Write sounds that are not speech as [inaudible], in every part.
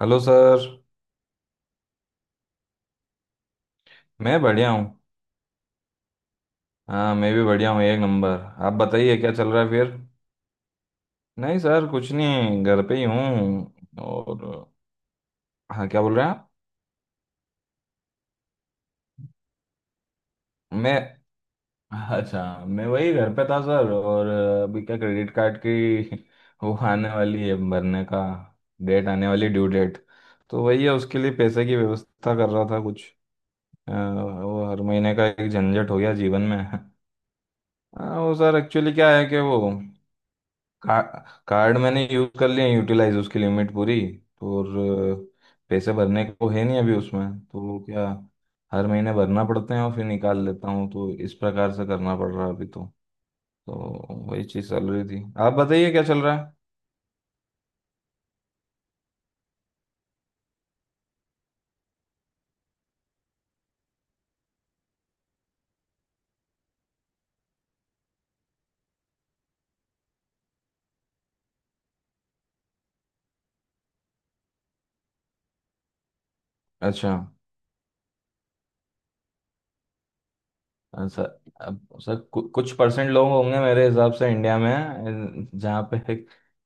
Hello sir. मैं बढ़िया हूँ। हाँ, मैं भी बढ़िया हूँ, एक नंबर। आप बताइए क्या चल रहा है फिर। नहीं सर, कुछ नहीं, घर पे ही हूँ और। हाँ, क्या बोल रहे हैं आप। मैं, अच्छा, मैं वही घर पे था सर और अभी क्या क्रेडिट कार्ड की [laughs] वो आने वाली है, भरने का डेट आने वाली, ड्यू डेट। तो वही है, उसके लिए पैसे की व्यवस्था कर रहा था कुछ। वो हर महीने का एक झंझट हो गया जीवन में। हाँ वो सर, एक्चुअली क्या है कि वो का, कार्ड मैंने यूज कर लिया, यूटिलाइज उसकी लिमिट पूरी, तो और अ, पैसे भरने को है नहीं अभी उसमें, तो क्या हर महीने भरना पड़ते हैं और फिर निकाल लेता हूँ, तो इस प्रकार से करना पड़ रहा है अभी तो। तो वही चीज़ चल रही थी, आप बताइए क्या चल रहा है। अच्छा, सर अब सर कुछ परसेंट लोग होंगे मेरे हिसाब से इंडिया में जहाँ पे है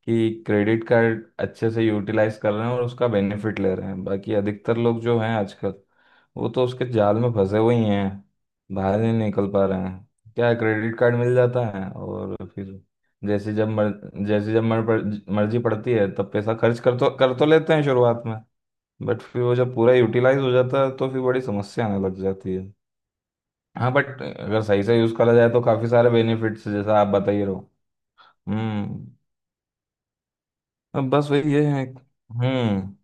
कि क्रेडिट कार्ड अच्छे से यूटिलाइज कर रहे हैं और उसका बेनिफिट ले रहे हैं, बाकी अधिकतर लोग जो हैं आजकल वो तो उसके जाल में फंसे हुए ही हैं, बाहर ही नहीं निकल पा रहे हैं। क्या क्रेडिट कार्ड मिल जाता है और फिर जैसे जब मर, जैसे जब मर्जी पड़ती है तब पैसा खर्च कर तो लेते हैं शुरुआत में, बट फिर वो जब पूरा यूटिलाइज हो जाता है तो फिर बड़ी समस्या आने लग जाती है। हाँ बट अगर सही से यूज करा जाए तो काफी सारे बेनिफिट्स जैसा आप बता ही रहो। हम्म। अब बस वही ये है। हम्म।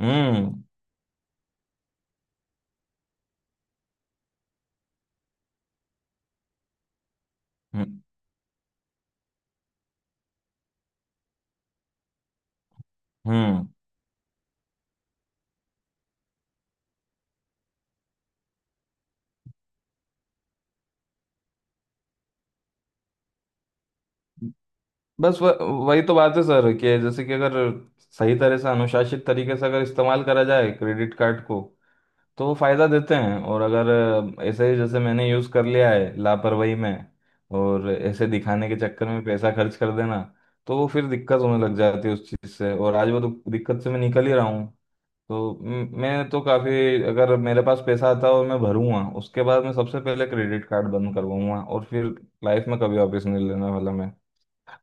हम्म। हम्म। हम्म। बस व, वही तो बात है सर कि जैसे कि अगर सही तरह से अनुशासित तरीके से अगर इस्तेमाल करा जाए क्रेडिट कार्ड को तो वो फायदा देते हैं, और अगर ऐसे ही जैसे मैंने यूज कर लिया है लापरवाही में और ऐसे दिखाने के चक्कर में पैसा खर्च कर देना, तो वो फिर दिक्कत होने लग जाती है उस चीज से, और आज वो दिक्कत से मैं निकल ही रहा हूँ। तो मैं तो काफी, अगर मेरे पास पैसा आता है और मैं भरूंगा उसके बाद मैं सबसे पहले क्रेडिट कार्ड बंद करवाऊंगा और फिर लाइफ में कभी वापस नहीं लेने वाला मैं।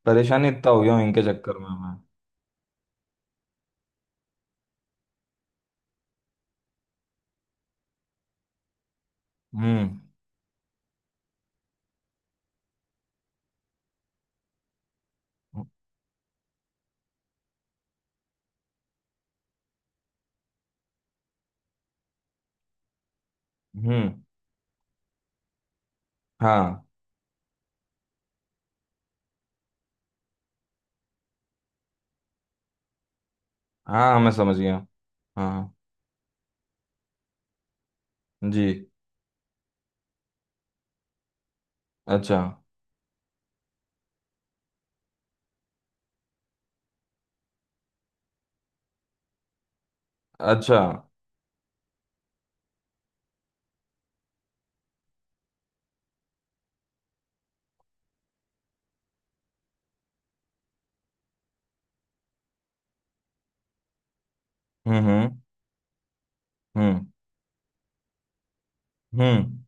परेशान इतना हो गया हूँ इनके चक्कर में मैं। हम्म। हम्म। हाँ, हाँ मैं समझ गया। हाँ। जी। अच्छा। अच्छा। हम्म। हम्म। हम्म। हम्म।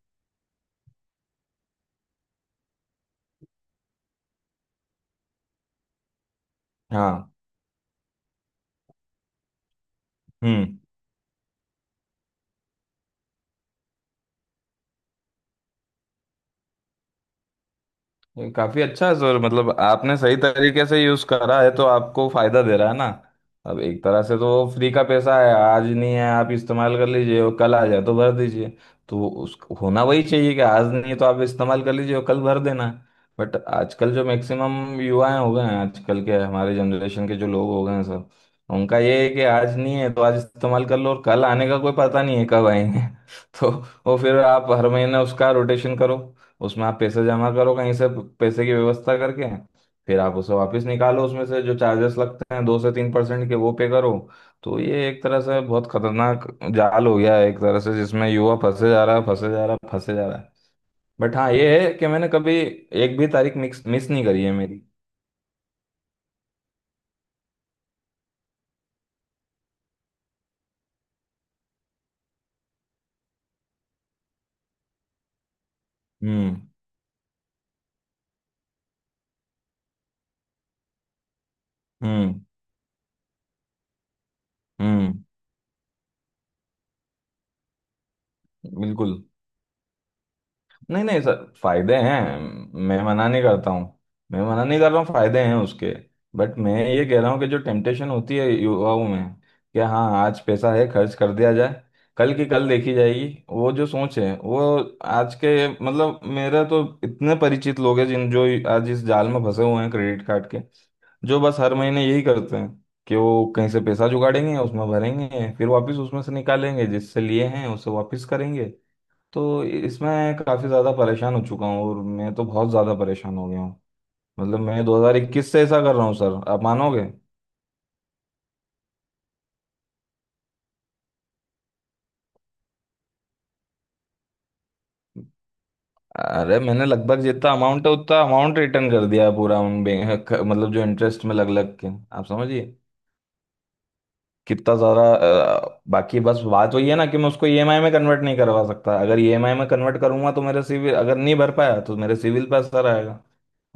हाँ। हम्म। ये काफी अच्छा है सर, मतलब आपने सही तरीके से यूज करा है तो आपको फायदा दे रहा है ना। अब एक तरह से तो फ्री का पैसा है, आज नहीं है आप इस्तेमाल कर लीजिए और कल आ जाए तो भर दीजिए। तो उस होना वही चाहिए कि आज नहीं है तो आप इस्तेमाल कर लीजिए और कल भर देना। बट आजकल जो मैक्सिमम युवाएं हो गए हैं, आजकल के हमारे जनरेशन के जो लोग हो गए हैं सर, उनका ये है कि आज नहीं है तो आज इस्तेमाल कर लो और कल आने का कोई पता नहीं है कब आएंगे। [laughs] तो वो फिर आप हर महीने उसका रोटेशन करो, उसमें आप पैसे जमा करो कहीं से, पैसे की व्यवस्था करके, फिर आप उसे वापस निकालो, उसमें से जो चार्जेस लगते हैं दो से तीन परसेंट के वो पे करो। तो ये एक तरह से बहुत खतरनाक जाल हो गया है एक तरह से, जिसमें युवा फंसे जा रहा है, फंसे जा रहा है, फंसे जा रहा है। बट हाँ ये है कि मैंने कभी एक भी तारीख मिक्स मिस नहीं करी है मेरी। हम्म। हम्म। हम्म। बिल्कुल। नहीं नहीं सर, फायदे हैं, मैं मना नहीं करता हूँ, मैं मना नहीं कर रहा हूँ, फायदे हैं उसके। बट मैं ये कह रहा हूँ कि जो टेम्पटेशन होती है युवाओं में कि हाँ आज पैसा है खर्च कर दिया जाए, कल की कल देखी जाएगी, वो जो सोच है वो आज के, मतलब मेरा तो इतने परिचित लोग हैं जिन जो आज इस जाल में फंसे हुए हैं क्रेडिट कार्ड के, जो बस हर महीने यही करते हैं कि वो कहीं से पैसा जुगाड़ेंगे, उसमें भरेंगे, फिर वापस उसमें से निकालेंगे, जिससे लिए हैं उसे वापस करेंगे। तो इसमें काफ़ी ज़्यादा परेशान हो चुका हूँ और मैं तो बहुत ज़्यादा परेशान हो गया हूँ। मतलब मैं 2021 से ऐसा कर रहा हूँ सर, आप मानोगे। अरे मैंने लगभग जितना अमाउंट है उतना अमाउंट रिटर्न कर दिया है पूरा उन बैंक, मतलब जो इंटरेस्ट में लग लग के, आप समझिए, कितना ज़्यादा। बाकी बस बात वही है ना कि मैं उसको ईएमआई में कन्वर्ट नहीं करवा सकता, अगर ईएमआई में कन्वर्ट करूंगा तो मेरे सिविल, अगर नहीं भर पाया तो मेरे सिविल पर असर आएगा।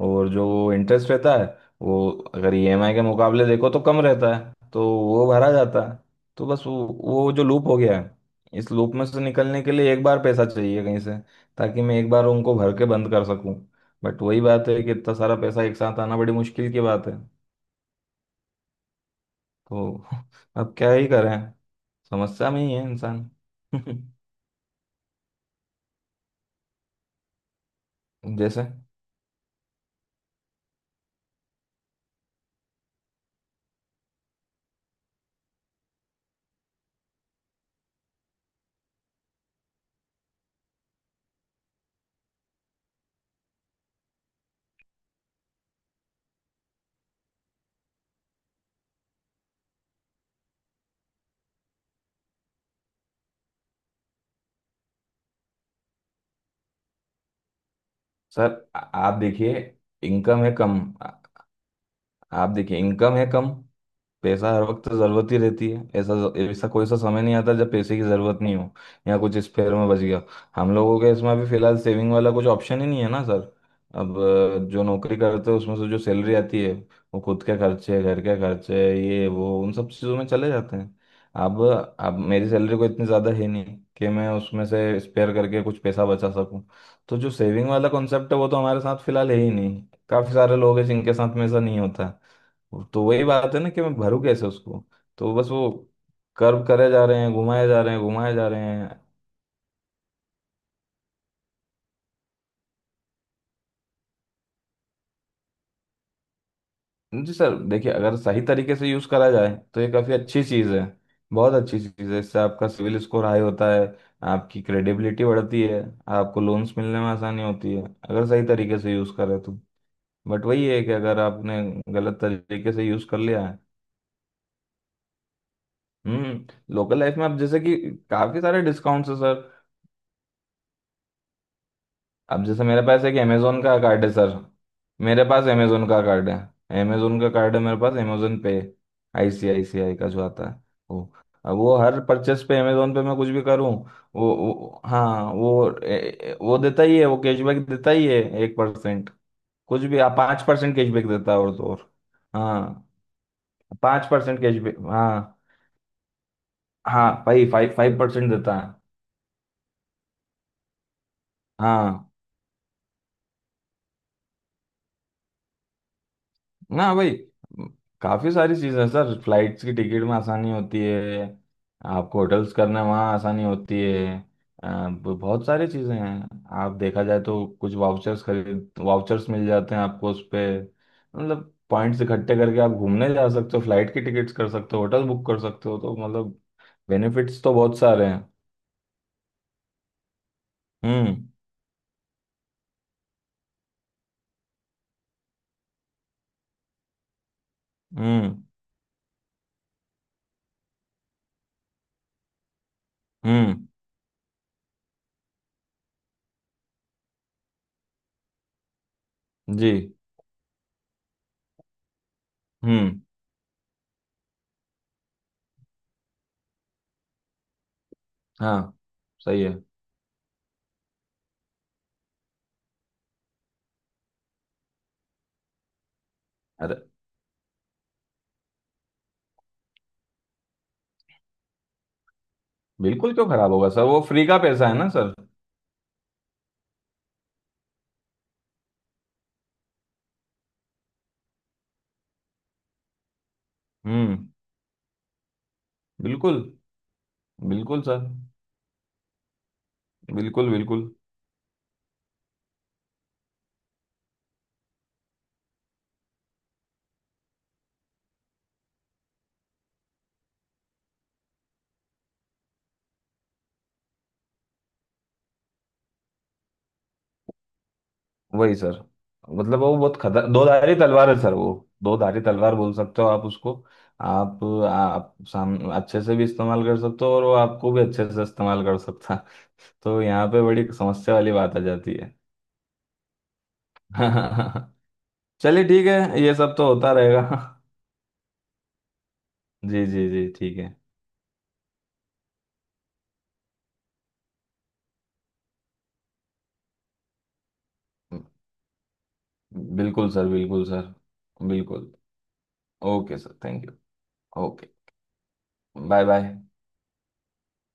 और जो वो इंटरेस्ट रहता है वो अगर ईएमआई के मुकाबले देखो तो कम रहता है, तो वो भरा जाता है। तो बस वो जो लूप हो गया है, इस लूप में से निकलने के लिए एक बार पैसा चाहिए कहीं से, ताकि मैं एक बार उनको भर के बंद कर सकूं। बट वही बात है कि इतना सारा पैसा एक साथ आना बड़ी मुश्किल की बात है। तो [laughs] अब क्या ही करें, समस्या में ही है इंसान। [laughs] जैसे सर, आप देखिए इनकम है कम, आ- आप देखिए इनकम है कम, पैसा हर वक्त जरूरत ही रहती है, ऐसा, ऐसा कोई सा समय नहीं आता जब पैसे की जरूरत नहीं हो या कुछ स्पेयर में बच गया। हम लोगों के इसमें अभी फिलहाल सेविंग वाला कुछ ऑप्शन ही नहीं है ना सर। अब, जो नौकरी करते हैं उसमें से जो सैलरी आती है वो खुद के खर्चे, घर के खर्चे, ये वो उन सब चीज़ों में चले जाते हैं। अब अब मेरी सैलरी को इतनी ज़्यादा है नहीं कि मैं उसमें से स्पेयर करके कुछ पैसा बचा सकूं। तो जो सेविंग वाला कॉन्सेप्ट है वो तो हमारे साथ फिलहाल है ही नहीं। काफ़ी सारे लोग हैं जिनके साथ में ऐसा नहीं होता। तो वही बात है ना कि मैं भरूं कैसे उसको। तो बस वो कर्व करे जा रहे हैं, घुमाए जा रहे हैं, घुमाए जा रहे हैं। जी सर देखिए, अगर सही तरीके से यूज़ करा जाए तो ये काफ़ी अच्छी चीज़ है, बहुत अच्छी चीज़ है। इससे आपका सिविल स्कोर हाई होता है, आपकी क्रेडिबिलिटी बढ़ती है, आपको लोन्स मिलने में आसानी होती है, अगर सही तरीके से यूज़ करें तो। बट वही है कि अगर आपने गलत तरीके से यूज़ कर लिया है। हम्म, लोकल लाइफ में आप जैसे कि काफ़ी सारे डिस्काउंट्स है सर। अब जैसे मेरे पास एक अमेजोन का कार्ड है सर, मेरे पास अमेजोन का कार्ड है, अमेजोन का कार्ड है मेरे पास, अमेजोन पे आईसीआईसीआई का जो आता है वो, अब वो हर परचेस पे अमेजोन पे मैं कुछ भी करूं वो हाँ वो ए, ए, वो देता ही है, वो कैशबैक देता ही है एक परसेंट, कुछ भी आप, पाँच परसेंट कैशबैक देता है, और तो और। हाँ, पाँच परसेंट कैशबैक, हाँ। हाँ भाई फाइव फाइव परसेंट देता है। हाँ ना भाई। म, काफी सारी चीजें हैं सर, फ्लाइट्स की टिकट में आसानी होती है, आपको होटल्स करने में वहाँ आसानी होती है। बहुत सारी चीजें हैं आप देखा जाए तो, कुछ वाउचर्स खरीद, वाउचर्स मिल जाते हैं आपको उस पे, मतलब पॉइंट्स इकट्ठे करके आप घूमने जा सकते हो, फ्लाइट की टिकट्स कर सकते हो, होटल बुक कर सकते हो, तो मतलब बेनिफिट्स तो बहुत सारे हैं। हम्म। हम्म। हम्म। जी। हम्म। हाँ सही है। अरे बिल्कुल, क्यों खराब होगा सर, वो फ्री का पैसा है ना सर। हम्म। बिल्कुल बिल्कुल सर। बिल्कुल बिल्कुल। वही सर, मतलब वो बहुत खतर, दो धारी तलवार है सर वो, दो धारी तलवार बोल सकते हो आप उसको। आप आप साम अच्छे से भी इस्तेमाल कर सकते हो और वो आपको भी अच्छे से इस्तेमाल कर सकता है। तो यहाँ पे बड़ी समस्या वाली बात आ जाती है। [laughs] चलिए ठीक है, ये सब तो होता रहेगा। [laughs] जी जी जी ठीक है। बिल्कुल सर, बिल्कुल सर, बिल्कुल। Okay sir thank you. Okay. Bye bye.